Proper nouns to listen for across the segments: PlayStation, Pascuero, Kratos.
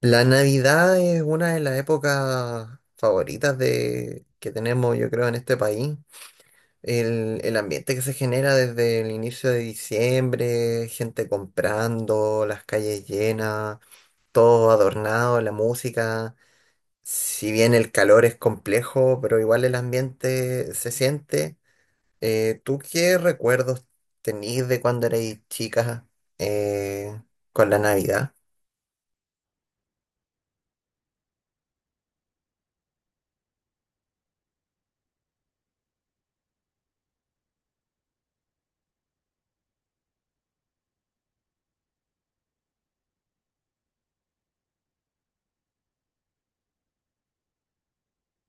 La Navidad es una de las épocas favoritas que tenemos, yo creo, en este país. El ambiente que se genera desde el inicio de diciembre, gente comprando, las calles llenas, todo adornado, la música. Si bien el calor es complejo, pero igual el ambiente se siente. ¿Tú qué recuerdos tenís de cuando erais chicas eh, con la Navidad?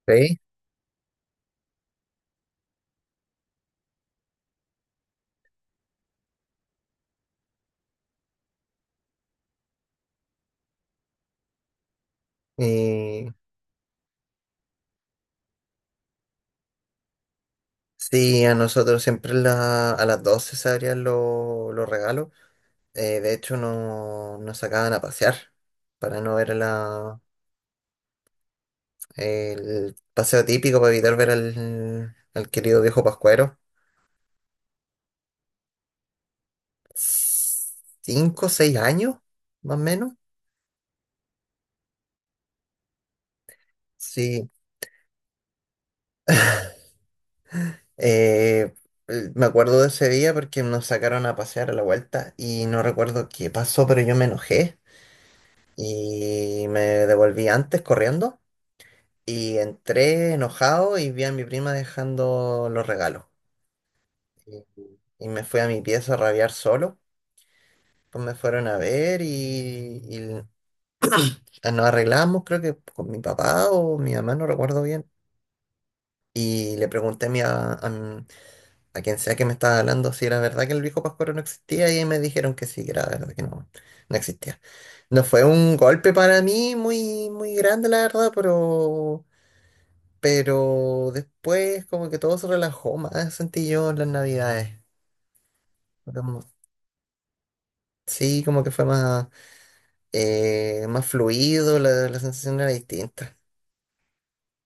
¿Sí? Sí, a nosotros siempre a las 12 se abrían los regalos. De hecho, no, nos sacaban a pasear para no ver el paseo típico, para evitar ver al querido viejo Pascuero. 5, 6 años, más o menos. Sí. Eh, Me acuerdo de ese día porque nos sacaron a pasear a la vuelta y no recuerdo qué pasó, pero yo me enojé y me devolví antes corriendo. Y entré enojado y vi a mi prima dejando los regalos. Y, y me fui a mi pieza a rabiar solo. Pues me fueron a ver y nos arreglamos, creo que con mi papá o mi mamá, no recuerdo bien. Y le pregunté a quien sea que me estaba hablando si era verdad que el viejo Pascuero no existía y ahí me dijeron que sí, que era verdad que no, no existía. No fue un golpe para mí muy, muy grande, la verdad, pero después como que todo se relajó más, sentí yo en las navidades. Como- sí, como que fue más, más fluido, la sensación era distinta.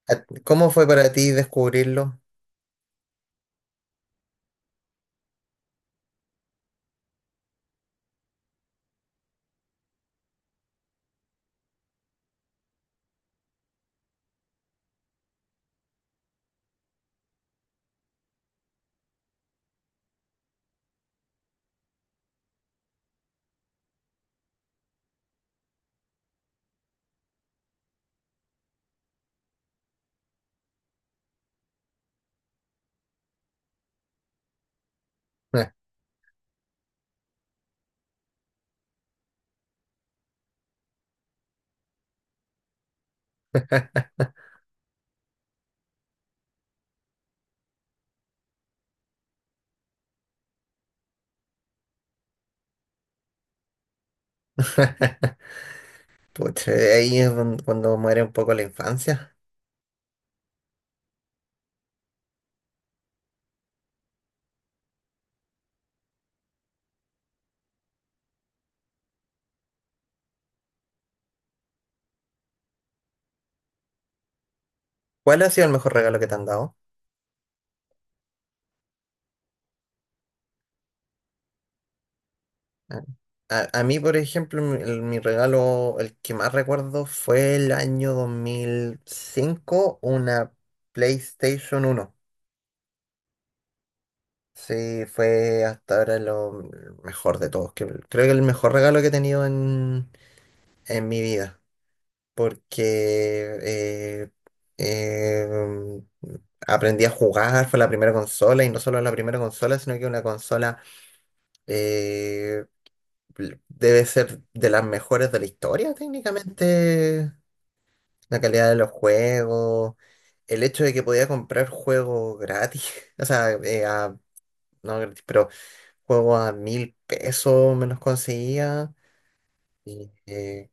¿Cómo fue para ti descubrirlo? Pucha, ahí es cuando muere un poco la infancia. ¿Cuál ha sido el mejor regalo que te han dado? Ah, a mí, por ejemplo, mi regalo, el que más recuerdo fue el año 2005, una PlayStation 1. Sí, fue hasta ahora lo mejor de todos. Creo que el mejor regalo que he tenido en mi vida, porque eh, eh, aprendí a jugar, fue la primera consola, y no solo la primera consola, sino que una consola eh, debe ser de las mejores de la historia, técnicamente. La calidad de los juegos, el hecho de que podía comprar juegos gratis, o sea, no gratis, pero juego a 1.000 pesos me los conseguía. Y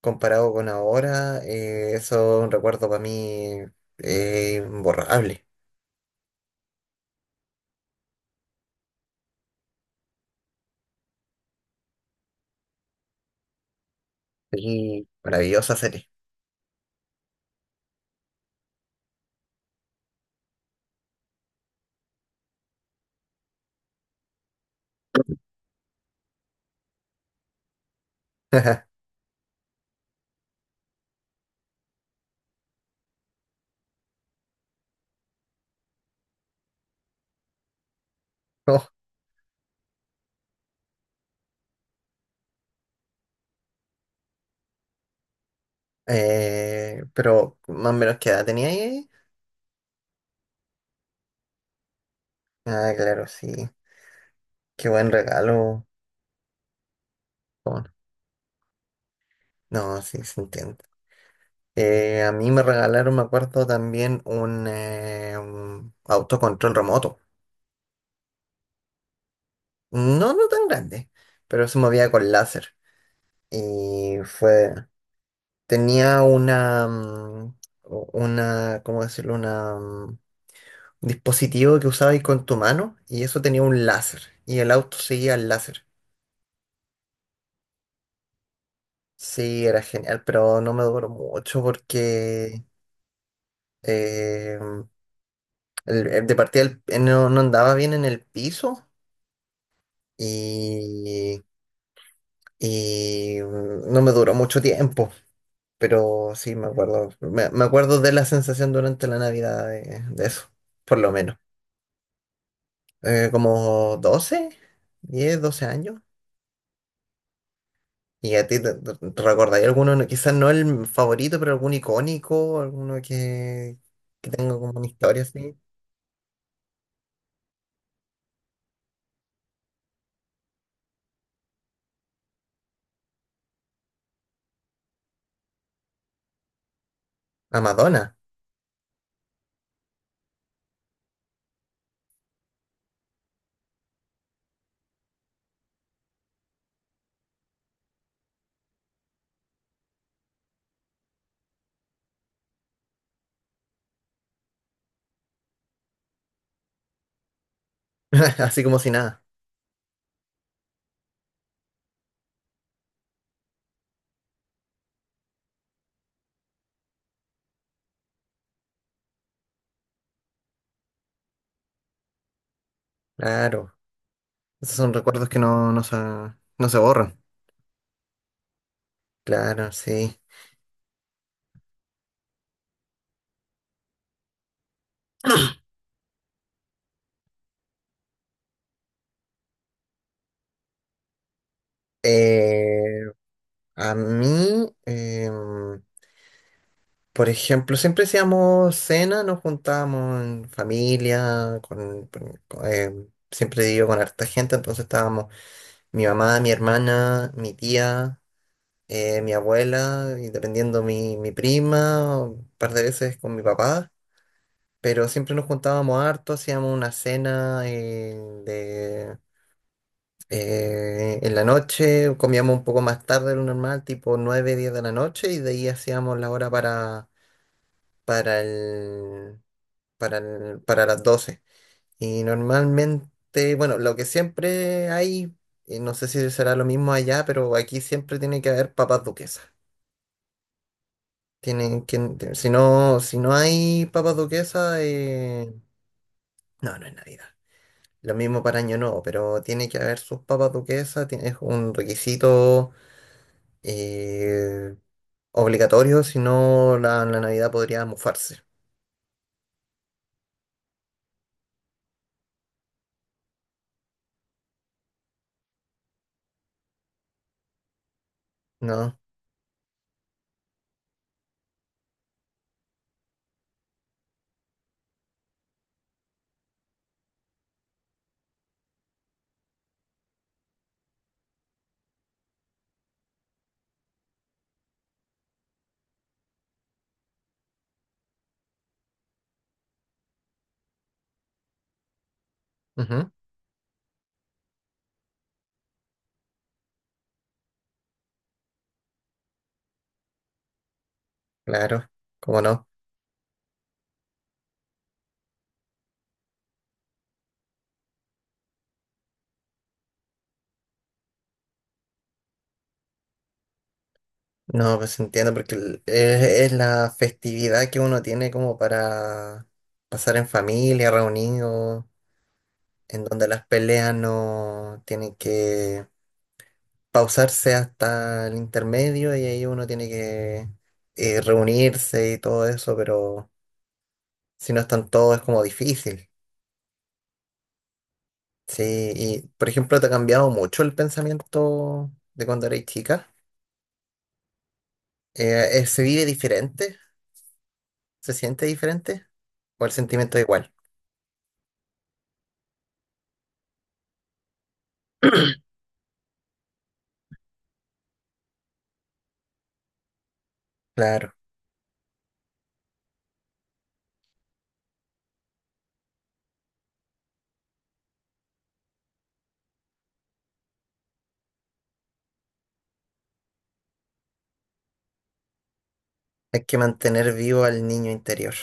comparado con ahora, eso es un recuerdo para mí imborrable. Y maravillosa serie. Oh, pero más o menos qué edad tenía ahí. Ah, claro, sí. Qué buen regalo. ¿Cómo No, no, sí, se entiende. A mí me regalaron, me acuerdo, también un autocontrol remoto. No, no tan grande, pero se movía con láser. Y tenía una, ¿cómo decirlo? Un dispositivo que usabas con tu mano y eso tenía un láser y el auto seguía el láser. Sí, era genial, pero no me duró mucho porque eh, de partida no andaba bien en el piso y, y no me duró mucho tiempo. Pero sí, me acuerdo, me acuerdo de la sensación durante la Navidad de eso, por lo menos. Como 12, 10, 12 años. ¿Y a ti te recordáis alguno, quizás no el favorito, pero algún icónico, alguno que tenga como una historia así? A Madonna, así como si nada. Claro, esos son recuerdos que no se borran. Claro, sí. Eh, a mí, por ejemplo, siempre hacíamos cena, nos juntábamos en familia, siempre vivo con harta gente, entonces estábamos. Mi mamá, mi hermana, mi tía, mi abuela, y dependiendo mi prima, o un par de veces con mi papá, pero siempre nos juntábamos harto, hacíamos una cena de, en la noche, comíamos un poco más tarde de lo normal, tipo 9, 10 de la noche, y de ahí hacíamos la hora para, para el, para las 12. Y normalmente, bueno, lo que siempre hay, y no sé si será lo mismo allá, pero aquí siempre tiene que haber papas duquesas. Tienen que, si no, si no hay papas duquesas, no es Navidad. Lo mismo para Año Nuevo, pero tiene que haber sus papas duquesas, es un requisito eh, obligatorio, si no la Navidad podría mufarse, ¿no? Ujú, claro, cómo no. No, pues entiendo, porque es la festividad que uno tiene como para pasar en familia, reunidos, en donde las peleas no tienen que pausarse hasta el intermedio y ahí uno tiene que reunirse y todo eso, pero si no están todos es como difícil. Sí, y por ejemplo, ¿te ha cambiado mucho el pensamiento de cuando eres chica? ¿Se vive diferente? ¿Se siente diferente? ¿O el sentimiento es igual? Claro. Hay que mantener vivo al niño interior.